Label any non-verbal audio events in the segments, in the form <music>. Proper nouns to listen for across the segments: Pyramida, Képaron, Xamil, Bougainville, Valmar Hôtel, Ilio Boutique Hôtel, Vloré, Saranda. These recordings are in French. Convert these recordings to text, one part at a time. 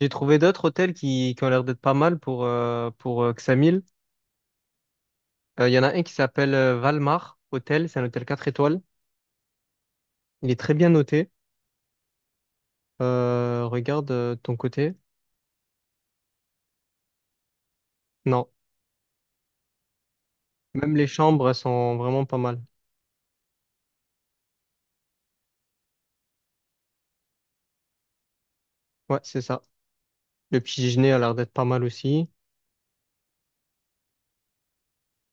J'ai trouvé d'autres hôtels qui ont l'air d'être pas mal pour Xamil. Il y en a un qui s'appelle Valmar Hôtel. C'est un hôtel 4 étoiles. Il est très bien noté. Regarde ton côté. Non, même les chambres elles sont vraiment pas mal. Ouais, c'est ça. Le petit déjeuner a l'air d'être pas mal aussi.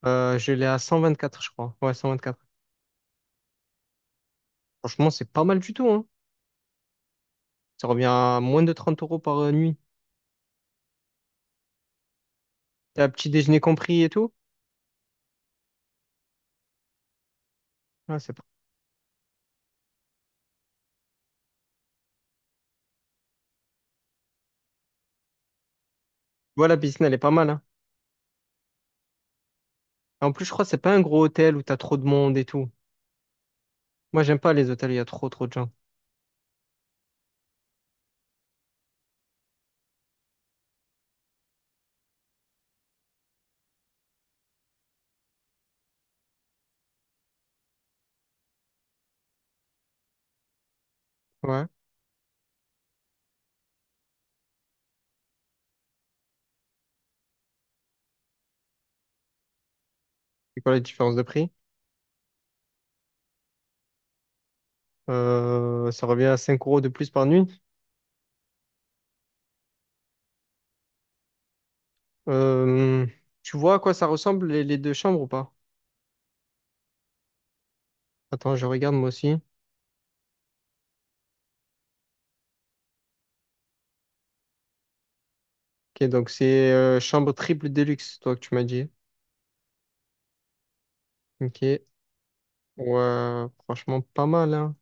Je l'ai à 124, je crois. Ouais, 124. Franchement, c'est pas mal du tout, hein. Ça revient à moins de 30 € par nuit. T'as petit déjeuner compris et tout. Ouais, c'est pas. Voilà, la piscine, elle est pas mal, hein. En plus, je crois que c'est pas un gros hôtel où t'as trop de monde et tout. Moi, j'aime pas les hôtels, il y a trop trop de gens. Ouais. C'est quoi la différence de prix? Ça revient à cinq euros de plus par nuit. Euh, tu vois à quoi ça ressemble les deux chambres ou pas? Attends, je regarde moi aussi. Ok, donc c'est chambre triple déluxe, toi que tu m'as dit. Ok. Ouais, franchement, pas mal, hein.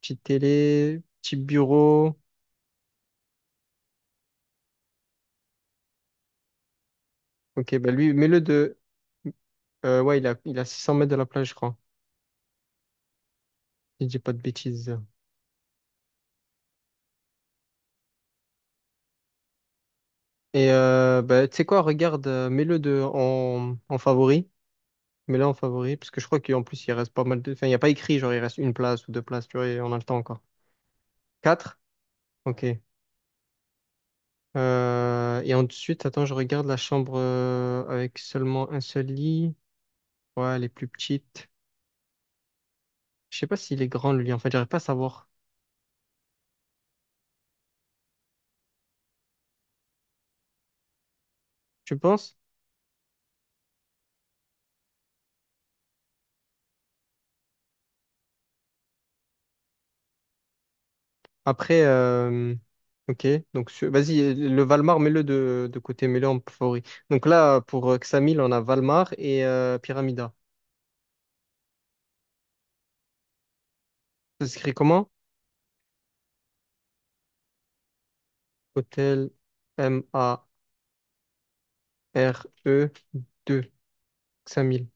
Petite télé, petit bureau. Ok, bah lui, mets-le de. Ouais, il a 600 mètres de la plage, je crois. Si je dis pas de bêtises. Bah, tu sais quoi, regarde, mets-le de en favori. Mais là, en favori, parce que je crois qu'en plus, il reste pas mal de. Enfin, il n'y a pas écrit, genre, il reste une place ou deux places, tu vois, et on a le temps encore. Quatre? Ok. Et ensuite, attends, je regarde la chambre avec seulement un seul lit. Ouais, elle est plus petite. Je sais pas s'il est grand, le lit. En fait, j'arrive pas à savoir. Tu penses? Après, ok. Donc, vas-y, le Valmar, mets-le de côté, mets-le en favori. Donc là, pour Xamil, on a Valmar et Pyramida. Ça s'écrit comment? Hôtel M-A-R-E deux 5000.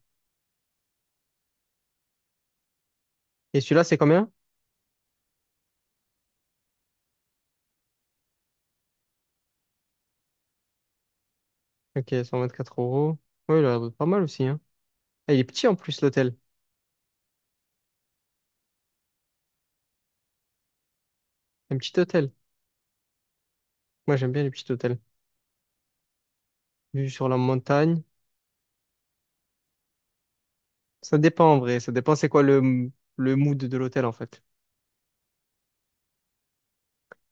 Et celui-là, c'est combien? Ok, 124 euros. Oui, il a l'air d'être pas mal aussi, hein. Ah, il est petit en plus, l'hôtel. Un petit hôtel. Moi, j'aime bien les petits hôtels. Vue sur la montagne. Ça dépend en vrai. Ça dépend c'est quoi le mood de l'hôtel en fait.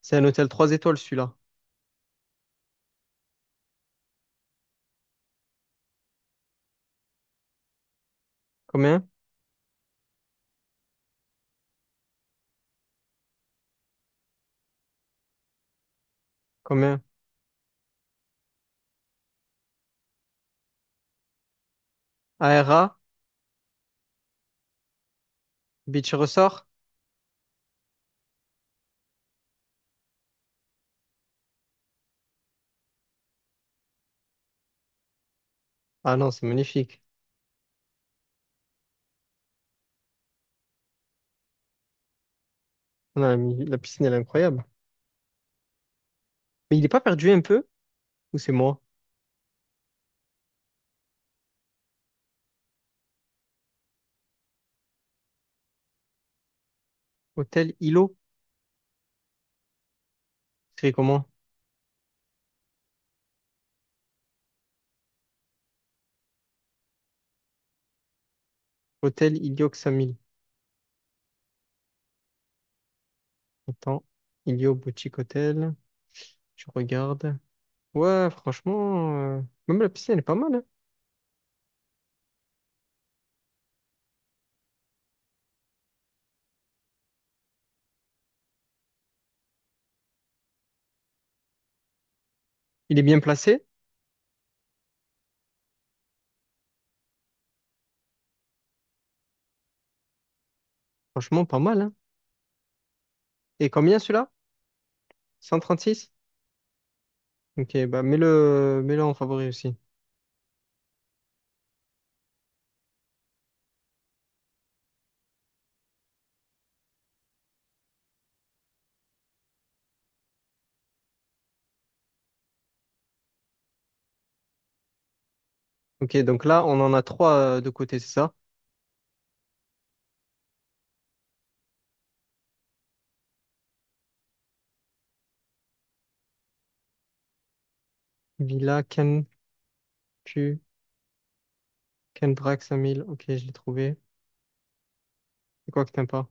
C'est un hôtel trois étoiles celui-là. Combien? Combien? ARA? Beach Resort? Ah non, c'est magnifique. Non, la piscine, elle est incroyable. Mais il est pas perdu un peu? Ou c'est moi? Hôtel Ilo? C'est comment? Hôtel Ilio 5000. Attends. Ilio Boutique Hôtel. Je regarde. Ouais, franchement, même la piscine, elle est pas mal, hein. Il est bien placé, franchement, pas mal, hein. Et combien celui-là? 136. Ok, bah mets-le en favori aussi. Ok, donc là, on en a trois de côté, c'est ça? Villa, Pu, Kendrak, 5000. Ok, je l'ai trouvé. C'est quoi que t'aimes pas?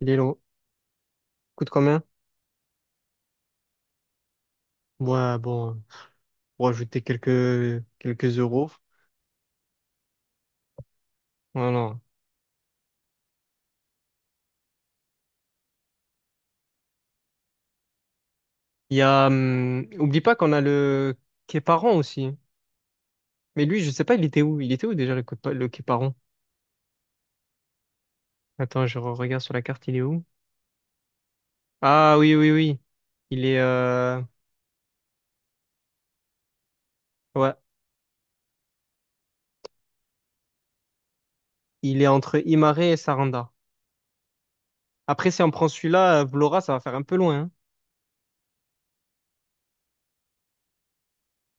Il est long. Coûte combien? Ouais, bon, pour ajouter quelques euros. Non, il y a. Oublie pas qu'on a le Képaron aussi. Mais lui, je sais pas, il était où? Il était où déjà le Képaron. Attends, je regarde sur la carte, il est où? Ah oui, oui, oui. Il est Ouais, il est entre Imare et Saranda. Après, si on prend celui-là, Vlora, ça va faire un peu loin.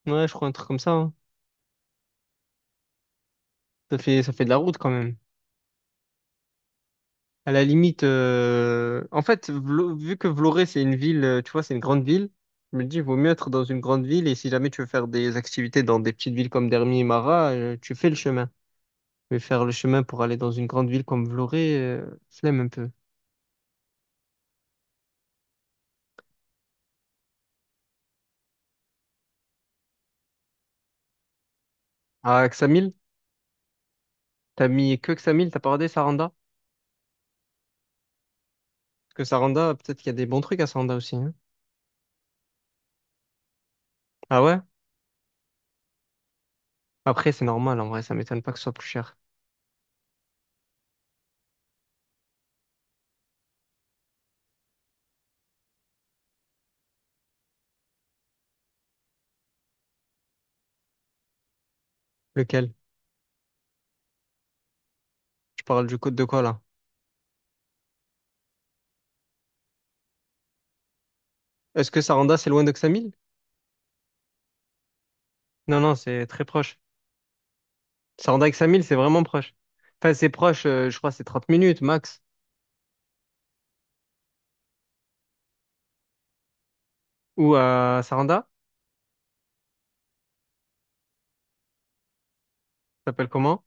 Hein. Ouais, je crois un truc comme ça. Hein. Ça fait de la route quand même. À la limite, en fait, vu que Vloré, c'est une ville, tu vois, c'est une grande ville, je me dis, il vaut mieux être dans une grande ville. Et si jamais tu veux faire des activités dans des petites villes comme Dermi et Mara, tu fais le chemin. Mais faire le chemin pour aller dans une grande ville comme Vloré, flemme un peu. À Xamil? T'as mis que Xamil, t'as pas regardé Saranda? Parce que Saranda, peut-être qu'il y a des bons trucs à Saranda aussi, hein. Ah ouais? Après, c'est normal en vrai, ça m'étonne pas que ce soit plus cher. Lequel? Je parle du code de quoi là? Est-ce que Saranda, c'est loin de Xamil? Non, non, c'est très proche. Saranda et Xamil, c'est vraiment proche. Enfin, c'est proche, je crois, que c'est 30 minutes max. Ou à Saranda, ça s'appelle comment?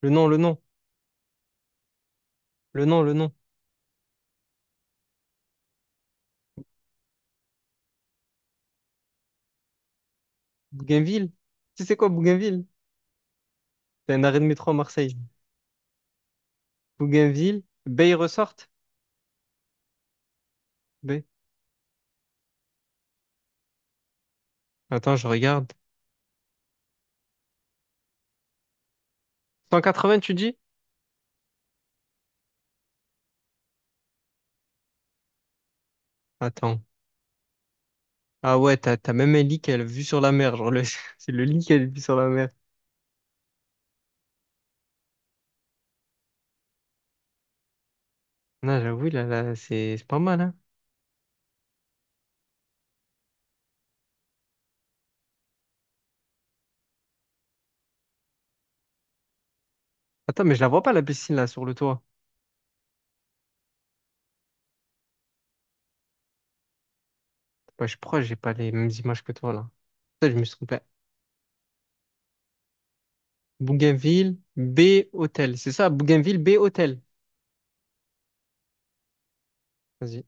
Le nom, le nom, le nom, le nom. Bougainville? Tu sais quoi, Bougainville? C'est un arrêt de métro à Marseille. Bougainville, Bay Resort? B. Attends, je regarde. 180, tu dis? Attends. Ah ouais, t'as même un lit qu'elle a la vue sur la mer. Genre, <laughs> c'est le lit qu'elle a la vue sur la mer. Non, j'avoue, là, là, c'est pas mal, hein. Attends, mais je la vois pas, la piscine, là, sur le toit. Bah, je crois que j'ai pas les mêmes images que toi, là. Ça, je me suis trompé. Bougainville, B, hôtel. C'est ça, Bougainville, B, hôtel. Vas-y.